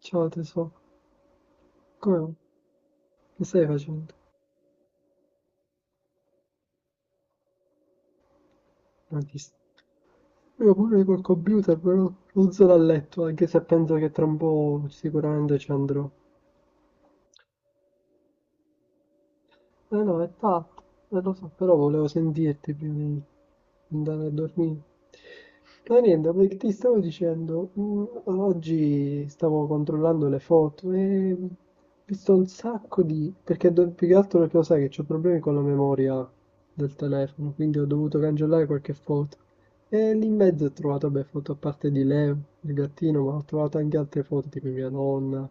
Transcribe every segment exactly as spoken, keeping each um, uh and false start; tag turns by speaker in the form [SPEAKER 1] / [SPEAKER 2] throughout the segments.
[SPEAKER 1] Ciao tesoro, come va? Che stai facendo? Non ti st- Io pure col computer, però non sono a letto, anche se penso che tra un po' sicuramente ci andrò. Eh no, è tatto, eh, lo so, però volevo sentirti prima di andare a dormire. Ma niente, perché ti stavo dicendo, mm, oggi stavo controllando le foto e ho visto un sacco di... perché do- più che altro perché lo sai che ho problemi con la memoria del telefono, quindi ho dovuto cancellare qualche foto. E lì in mezzo ho trovato, beh, foto a parte di Leo, il gattino, ma ho trovato anche altre foto, tipo mia nonna,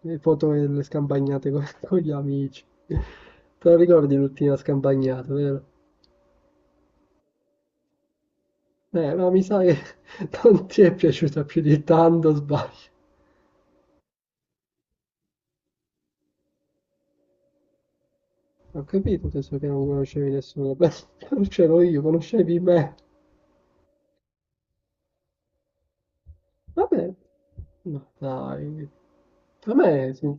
[SPEAKER 1] le foto delle scampagnate con, con gli amici. Te lo ricordi l'ultima scampagnata, vero? Eh, no, mi sa che non ti è piaciuta più di tanto, sbaglio. Ho capito adesso che non conoscevi nessuno, beh, conoscevo io, conoscevi me. Vabbè, no, dai, a me, sì,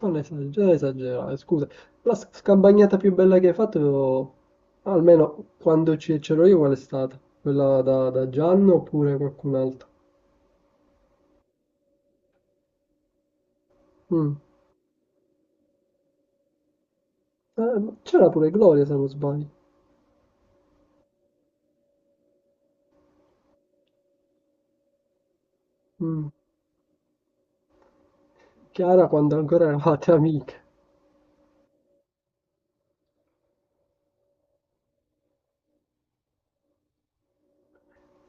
[SPEAKER 1] non esagerare, esagerare, scusa. La sc- scampagnata più bella che hai fatto, almeno quando ci- c'ero io, qual è stata? Quella da, da Gianno oppure qualcun altro? Mm. Eh, ma c'era pure Gloria, se non sbaglio. Mm. Chiara quando ancora eravate amiche.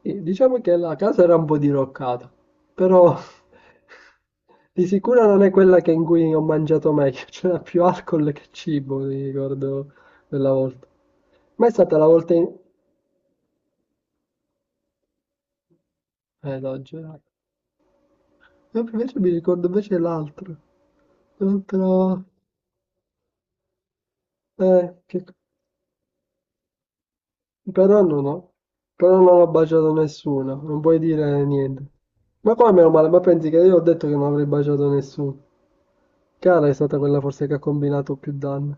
[SPEAKER 1] Sì, diciamo che la casa era un po' diroccata, però di sicuro non è quella che in cui ho mangiato meglio, c'era più alcol che cibo, mi ricordo quella volta. Ma è stata la volta in... Eh, no, girato. Invece mi ricordo invece l'altro, l'altro... Eh, che... però non ho, però non ho baciato nessuno, non puoi dire niente. Ma come meno male, ma pensi che io ho detto che non avrei baciato nessuno? Cara è stata quella forse che ha combinato più danni.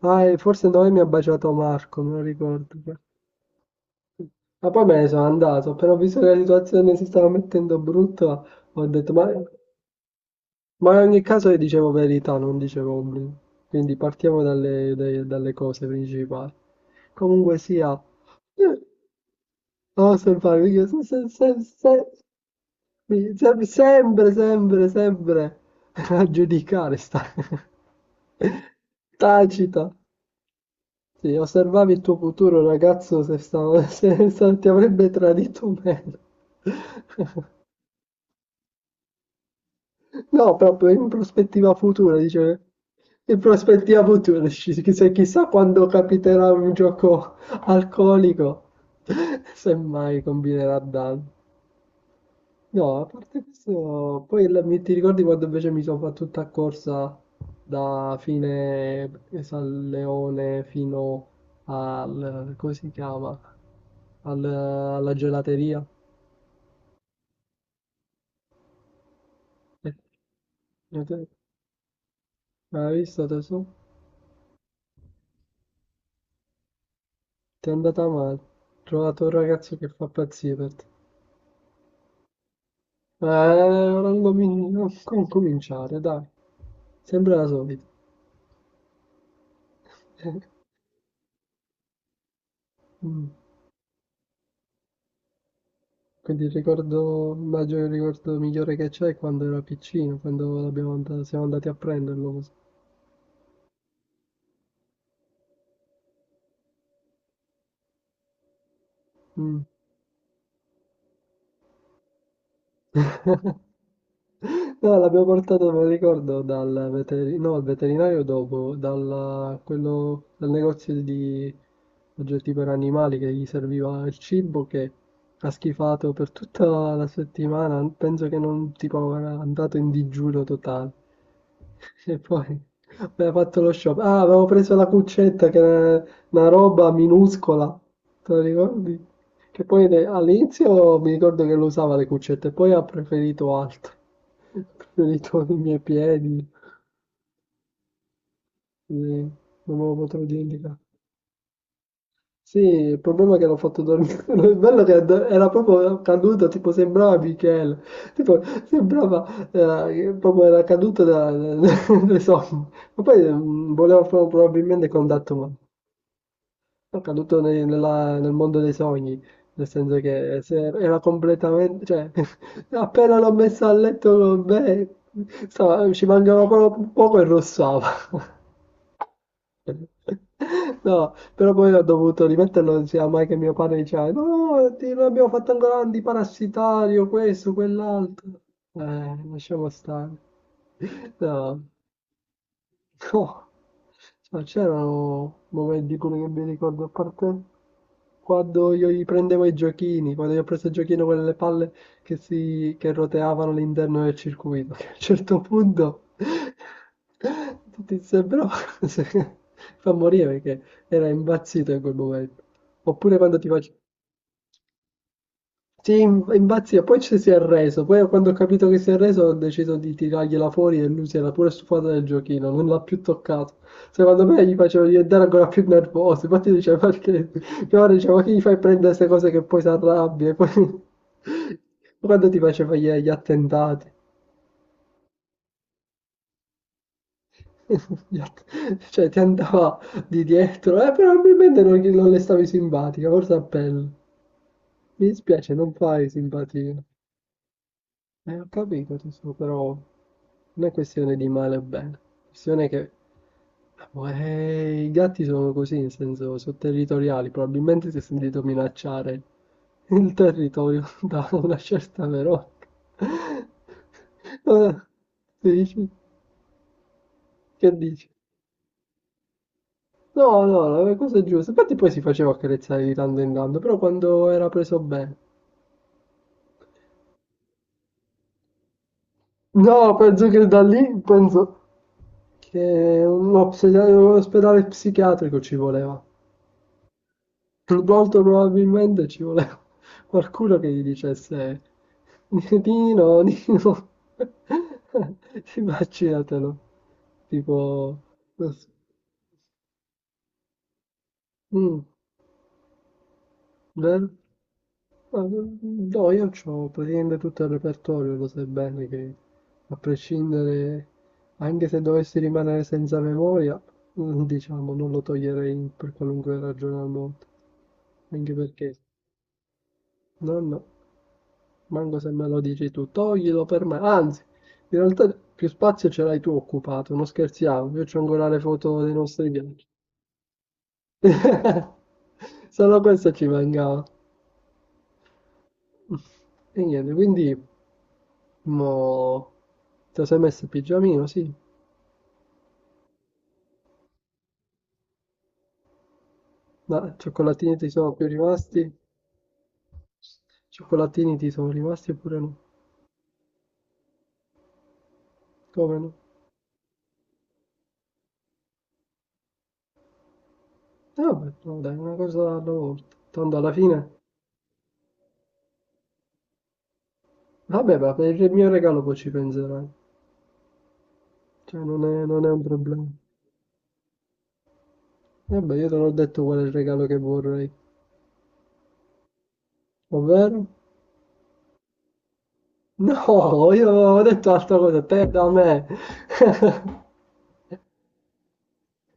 [SPEAKER 1] Ah, e forse Noemi mi ha baciato Marco, me lo ricordo. Ma poi me ne sono andato, però ho visto che la situazione si stava mettendo brutta, ho detto, ma, ma in ogni caso io dicevo verità, non dicevo obblighi. Quindi partiamo dalle, dai- dalle cose principali. Comunque sia, eh, no, se, se, se, se, se, mi- se- sempre, sempre, sempre a giudicare sta tacita. Sì, osservavi il tuo futuro ragazzo se, sta- se se ti avrebbe tradito o meno. No, proprio in prospettiva futura, dice. In prospettiva futura, ci- chissà, chissà quando capiterà un gioco alcolico, se mai combinerà danno. No, a parte questo, poi la- mi- ti ricordi quando invece mi sono fatto tutta corsa da fine San Leone fino al, come si chiama? al- alla gelateria. E- e te- Hai visto tesoro? Ti è andata male. Ho trovato un ragazzo che fa pazzie per te. Eh, non, comin- non com- cominciare, dai. Sempre la solita. Mm. Quindi il ricordo, immagino il ricordo migliore che c'è è quando era piccino, quando l'abbiamo and- siamo andati a prenderlo così. Mm. No, l'abbiamo portato, me lo ricordo, dal veterinario, no, al veterinario dopo, dal, quello, dal negozio di oggetti per animali che gli serviva il cibo che ha schifato per tutta la settimana, penso che non tipo era andato in digiuno totale. E poi aveva fatto lo shopping. Ah, avevo preso la cuccetta che era una roba minuscola, te lo ricordi? Che poi ne- all'inizio mi ricordo che lo usava le cuccette, poi ha preferito altro. Ha preferito i miei piedi, quindi non me lo potrò dimenticare. Sì, il problema è che l'ho fatto dormire. Il bello è che do- era proprio caduto, tipo sembrava Michele. Tipo, sembrava, eh, che proprio era caduto da, da- dai sogni. Ma poi mm, voleva pro- probabilmente contatto umano. Ho caduto ne- nella- nel mondo dei sogni, nel senso che se era completamente, cioè, appena l'ho messa a letto con me, stava- ci mancava po- poco e rossava. No, però poi ho dovuto rimetterlo, non sia mai che mio padre diceva, no, ti- non abbiamo fatto ancora l'antiparasitario, questo, quell'altro. Eh, lasciamo stare. No. No, ma c'erano momenti quelli che mi ricordo, a parte quando io gli prendevo i giochini, quando io ho preso il giochino con le palle che, si, che roteavano all'interno del circuito, che a un certo punto tutti sembrava fa morire perché era impazzito in quel momento. Oppure quando ti facevo... Sì, im- impazzia, poi ci si è arreso, poi quando ho capito che si è arreso ho deciso di tirargliela fuori e lui si era pure stufato del giochino, non l'ha più toccato. Secondo me gli faceva diventare ancora più nervoso, infatti diceva perché, mia madre diceva, ma che gli fai prendere queste cose che poi si arrabbia, e poi quando ti faceva gli, gli attentati, Gli att- cioè ti andava di dietro, eh, però probabilmente non, non le stavi simpatica, forse a pelle. Mi dispiace, non fai simpatia. Eh, ho capito, tesoro, però... Non è questione di male o bene, è questione che eh, i gatti sono così, nel senso, sono territoriali, probabilmente si è sentito minacciare il territorio da una certa Veronica. Eh, Dici? Che dici? No, no, no, le cose giuste. Infatti poi si faceva accarezzare di tanto in tanto, però quando era preso bene. No, penso che da lì, penso che un ospedale, un ospedale psichiatrico ci voleva. Molto probabilmente ci voleva qualcuno che gli dicesse: Nino, Nino, immaginatelo, tipo, non so, mm, vero? Ma, mm, no, io ho praticamente tutto il repertorio, lo sai bene che a prescindere, anche se dovessi rimanere senza memoria, mm, diciamo, non lo toglierei per qualunque ragione al mondo, anche perché, no, no. Manco se me lo dici tu, toglilo per me. Anzi, in realtà più spazio ce l'hai tu occupato, non scherziamo. Io c'ho ancora le foto dei nostri viaggi. Solo questo ci mancava. E niente, quindi mo ti sei messo il pigiamino, sì. Ma cioccolatini ti sono più rimasti? Cioccolatini ti sono rimasti oppure no? Come no? E eh, vabbè, no, dai, una cosa alla volta. Tanto alla fine, vabbè, ma per il mio regalo poi ci penserai. Cioè, non è, non è un problema. Vabbè, io te l'ho detto qual è il regalo che vorrei. Ovvero? No, io ho detto altra cosa, te da me.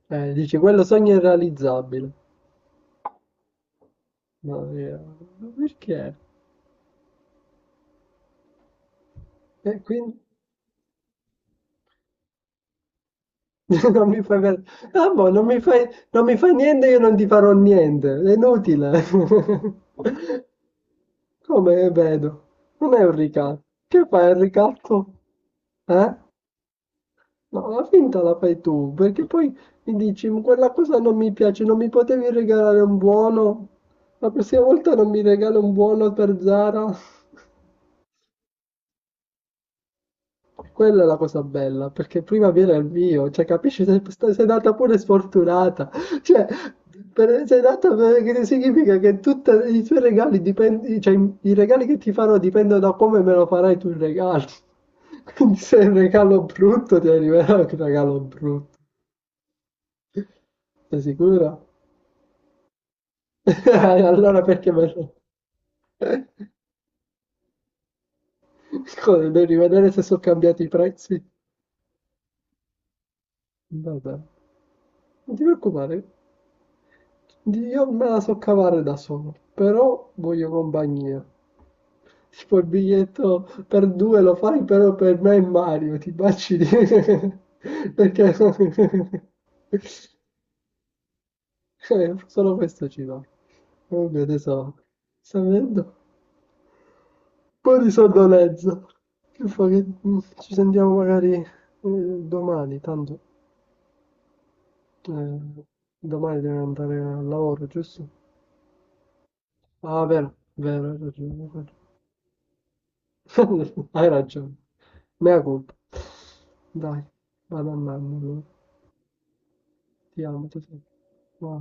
[SPEAKER 1] Eh, dici, quello sogno è irrealizzabile. Ma io- ma perché? E quindi non mi fai per... Ah, boh, non mi fai... non mi fai niente, io non ti farò niente. È inutile. Come vedo? Non è un ricatto. Che fai, il ricatto? Eh? No, la finta la fai tu, perché poi mi dici, "Ma quella cosa non mi piace, non mi potevi regalare un buono? La prossima volta non mi regalo un buono per Zara?" Quella è la cosa bella, perché prima viene il mio, cioè capisci, sei, sta- sei nata pure sfortunata, cioè per, sei nata perché significa che tutti i tuoi regali dipendono, cioè i, i regali che ti farò dipendono da come me lo farai tu il regalo, quindi se è un regalo brutto ti arriverà un regalo brutto, sei sicura? Allora perché me lo... Scusa, devo rivedere se sono cambiati i prezzi. Vabbè, non ti preoccupare, io me la so cavare da solo, però voglio compagnia. Tipo il biglietto per due lo fai, però per me e Mario, ti baci di... Perché... Eh, solo questo ci va. Comunque adesso sta vedendo un po' di sonnolenza. Che fa che- Ci sentiamo magari eh, domani, tanto... Eh, domani devi andare al lavoro, giusto? Ah, vero, vero, hai ragione. Vero. Hai ragione. Mea colpa. Dai, vado andando. Allora. Ti amo, tesoro. Ciao.